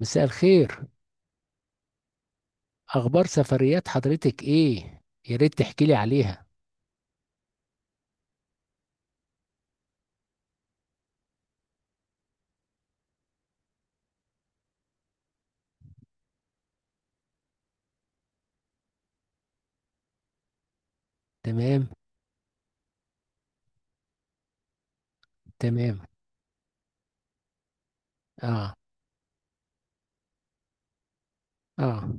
مساء الخير. اخبار سفريات حضرتك ايه؟ يا ريت تحكي لي عليها. تمام. تمام. اه. اه.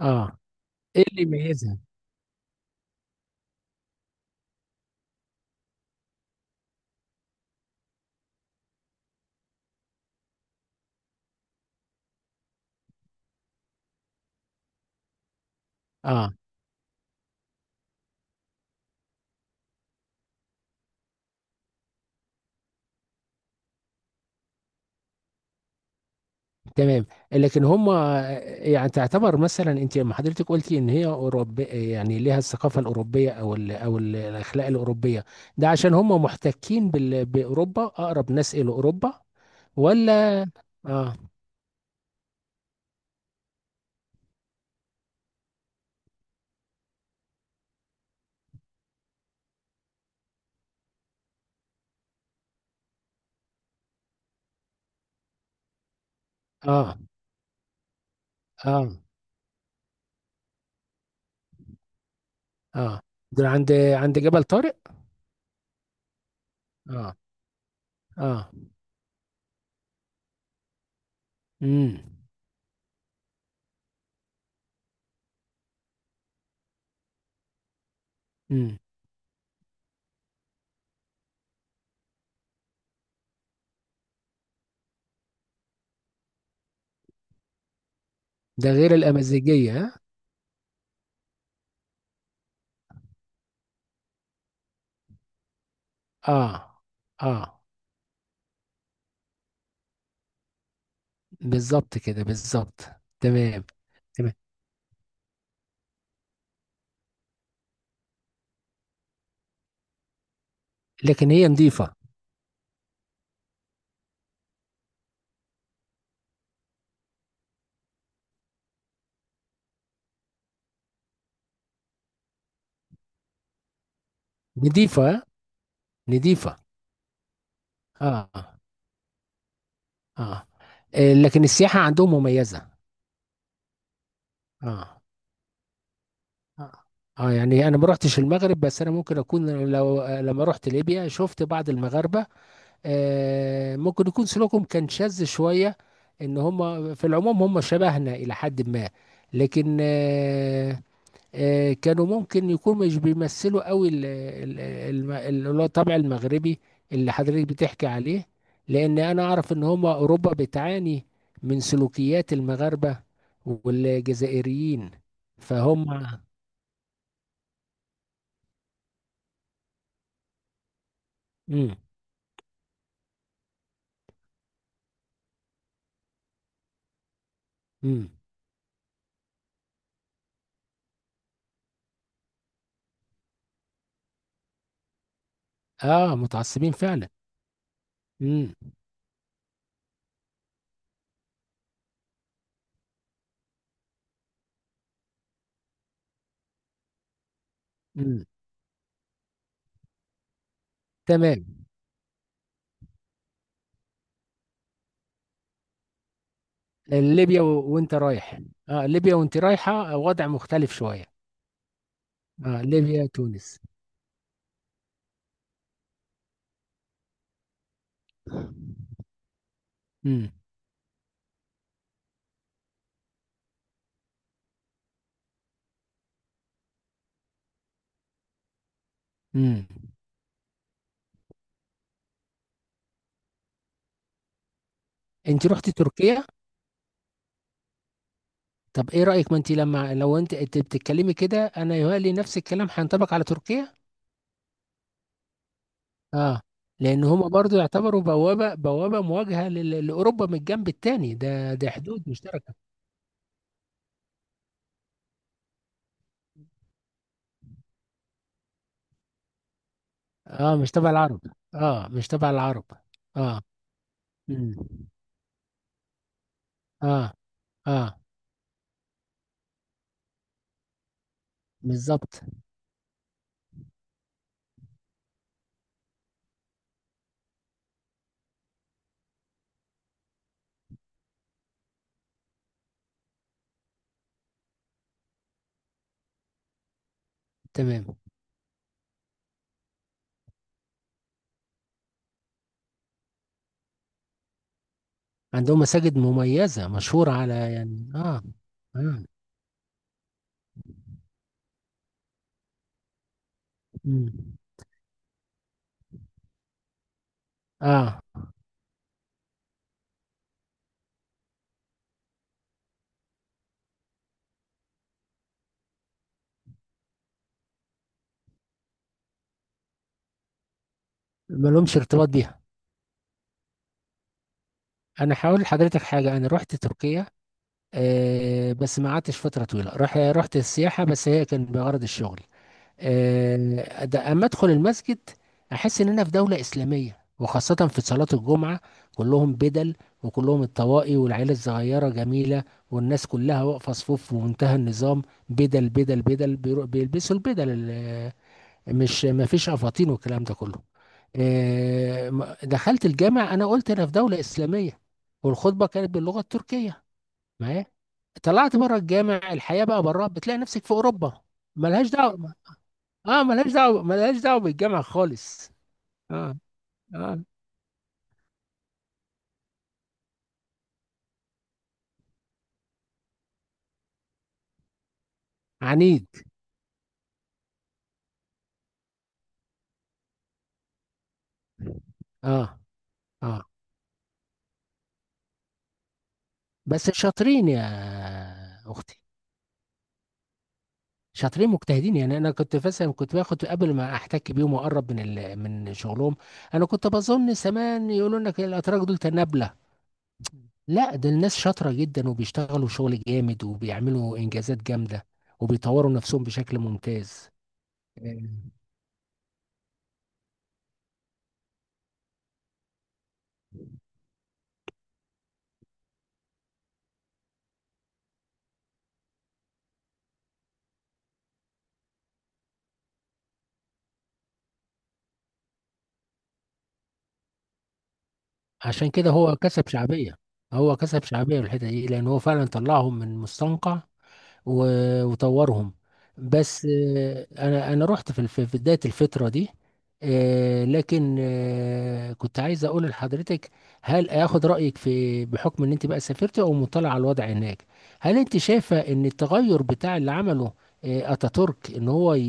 اه. ايه اللي يميزها؟ اه. تمام. لكن هم، يعني تعتبر مثلا انت لما حضرتك قلتي ان هي اوروبيه، يعني ليها الثقافه الاوروبيه او ال الاخلاق الاوروبيه، ده عشان هم محتكين باوروبا، اقرب ناس الى اوروبا ولا؟ اه. اه. اه. اه. ده عند جبل طارق. اه. اه. امم. مم. ده غير الأمازيغية ها؟ اه. اه، بالظبط كده بالظبط. تمام. تمام. لكن هي نظيفة. نظيفة. نظيفة. اه. اه. آه، لكن السياحة عندهم مميزة. اه. اه. آه، يعني انا ما رحتش المغرب، بس انا ممكن اكون لو لما رحت ليبيا شفت بعض المغاربة، آه ممكن يكون سلوكهم كان شاذ شوية، ان هم في العموم هم شبهنا الى حد ما، لكن آه كانوا ممكن يكونوا مش بيمثلوا قوي اللي هو الطبع المغربي اللي حضرتك بتحكي عليه. لان انا اعرف ان هم اوروبا بتعاني من سلوكيات المغاربة والجزائريين. فهم. امم. امم. اه متعصبين فعلا. امم. امم. تمام. ليبيا و... وانت رايح، اه ليبيا وانت رايحة وضع مختلف شوية. اه ليبيا تونس. امم. امم. انت رحت تركيا. طب ايه رأيك؟ ما انت لما لو انت بتتكلمي كده انا يهيألي نفس الكلام هينطبق على تركيا. اه. لان هما برضو يعتبروا بوابة مواجهة لأوروبا، من الجنب التاني ده حدود مشتركة. اه مش تبع العرب. اه مش تبع العرب. اه. مم. اه. اه بالظبط. تمام. عندهم مساجد مميزة مشهورة على يعني اه. اه. مم. اه ما لهمش ارتباط بيها. انا هقول لحضرتك حاجة. انا رحت تركيا، آه، بس ما قعدتش فترة طويلة، رحت السياحة بس، هي كان بغرض الشغل. آه، ده أما أدخل المسجد أحس إن أنا في دولة إسلامية، وخاصة في صلاة الجمعة، كلهم بدل، وكلهم الطواقي، والعيلة الصغيرة جميلة، والناس كلها واقفة صفوف في منتهى النظام. بدل بيلبسوا البدل مش ما فيش أفاطين والكلام ده كله. آه، دخلت الجامع أنا قلت أنا في دولة إسلامية، والخطبة كانت باللغة التركية معايا. طلعت بره الجامع، الحياه بقى بره بتلاقي نفسك في اوروبا. ملهاش دعوه. اه ملهاش دعوه، ملهاش دعوه بالجامع خالص. اه. اه. عنيد. اه. اه. بس شاطرين يا اختي. شاطرين مجتهدين. يعني انا كنت مثلا، باخد قبل ما احتك بيهم واقرب من من شغلهم. انا كنت بظن زمان يقولوا لك الاتراك دول تنابله، لا ده الناس شاطره جدا، وبيشتغلوا شغل جامد، وبيعملوا انجازات جامده، وبيطوروا نفسهم بشكل ممتاز. عشان كده هو كسب شعبية. هو كسب شعبية في الحتة دي، لأن هو فعلا طلعهم من مستنقع وطورهم. بس آه، أنا رحت في في بداية الفترة دي. آه، لكن آه، كنت عايز أقول لحضرتك، هل آخد رأيك في، بحكم إن أنت بقى سافرت أو مطلع على الوضع هناك، هل أنت شايفة إن التغير بتاع اللي عمله آه، أتاتورك، إن هو ي-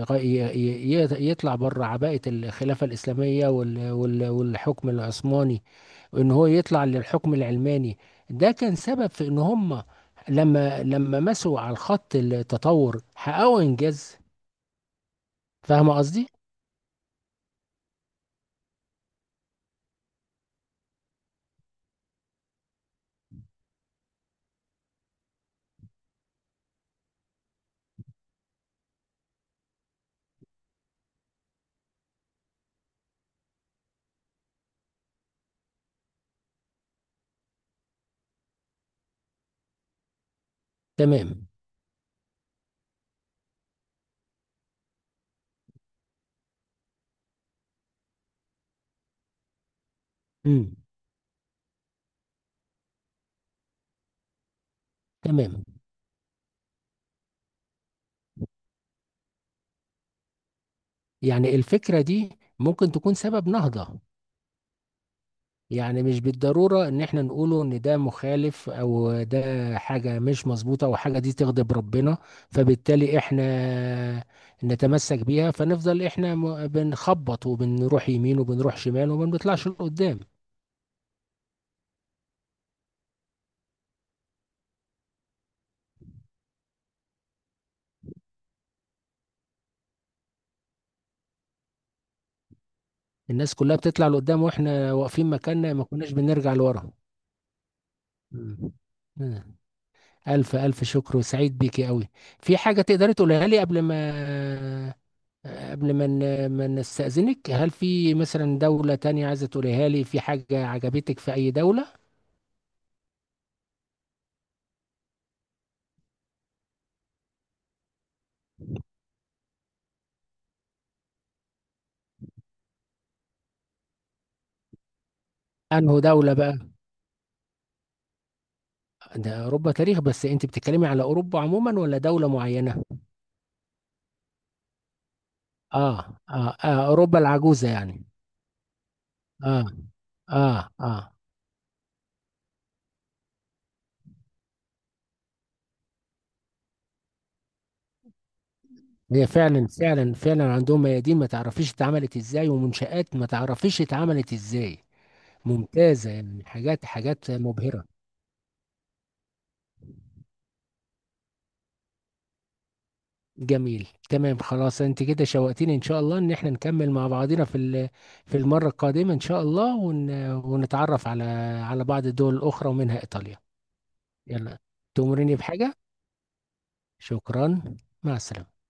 يغ- ي- ي- يطلع بره عباءة الخلافة الإسلامية والحكم العثماني، وان هو يطلع للحكم العلماني، ده كان سبب في ان هم لما مسوا على الخط التطور حققوا انجاز؟ فاهم قصدي؟ تمام. امم. تمام. يعني الفكرة دي ممكن تكون سبب نهضة. يعني مش بالضرورة ان احنا نقوله ان ده مخالف، او ده حاجة مش مظبوطة، او حاجة دي تغضب ربنا، فبالتالي احنا نتمسك بيها، فنفضل احنا بنخبط وبنروح يمين وبنروح شمال وما بنطلعش لقدام. الناس كلها بتطلع لقدام واحنا واقفين مكاننا، ما كناش بنرجع لورا. مم. مم. ألف ألف شكر، وسعيد بيكي قوي. في حاجة تقدري تقولها لي قبل ما نستأذنك؟ هل في مثلا دولة تانية عايزة تقوليها لي، في حاجة عجبتك في أي دولة؟ أنه دولة بقى؟ ده أوروبا تاريخ، بس أنت بتتكلمي على أوروبا عموما ولا دولة معينة؟ آه آه، آه أوروبا العجوزة يعني. آه. آه آه. هي فعلا فعلا فعلا عندهم ميادين ما تعرفيش اتعملت ازاي، ومنشآت ما تعرفيش اتعملت ازاي. ممتازة يعني، حاجات حاجات مبهرة. جميل. تمام. خلاص، انت كده شوقتيني، ان شاء الله ان احنا نكمل مع بعضنا في في المرة القادمة ان شاء الله، ونتعرف على بعض الدول الاخرى ومنها ايطاليا. يلا، تؤمرني بحاجة؟ شكرا. مع السلامة.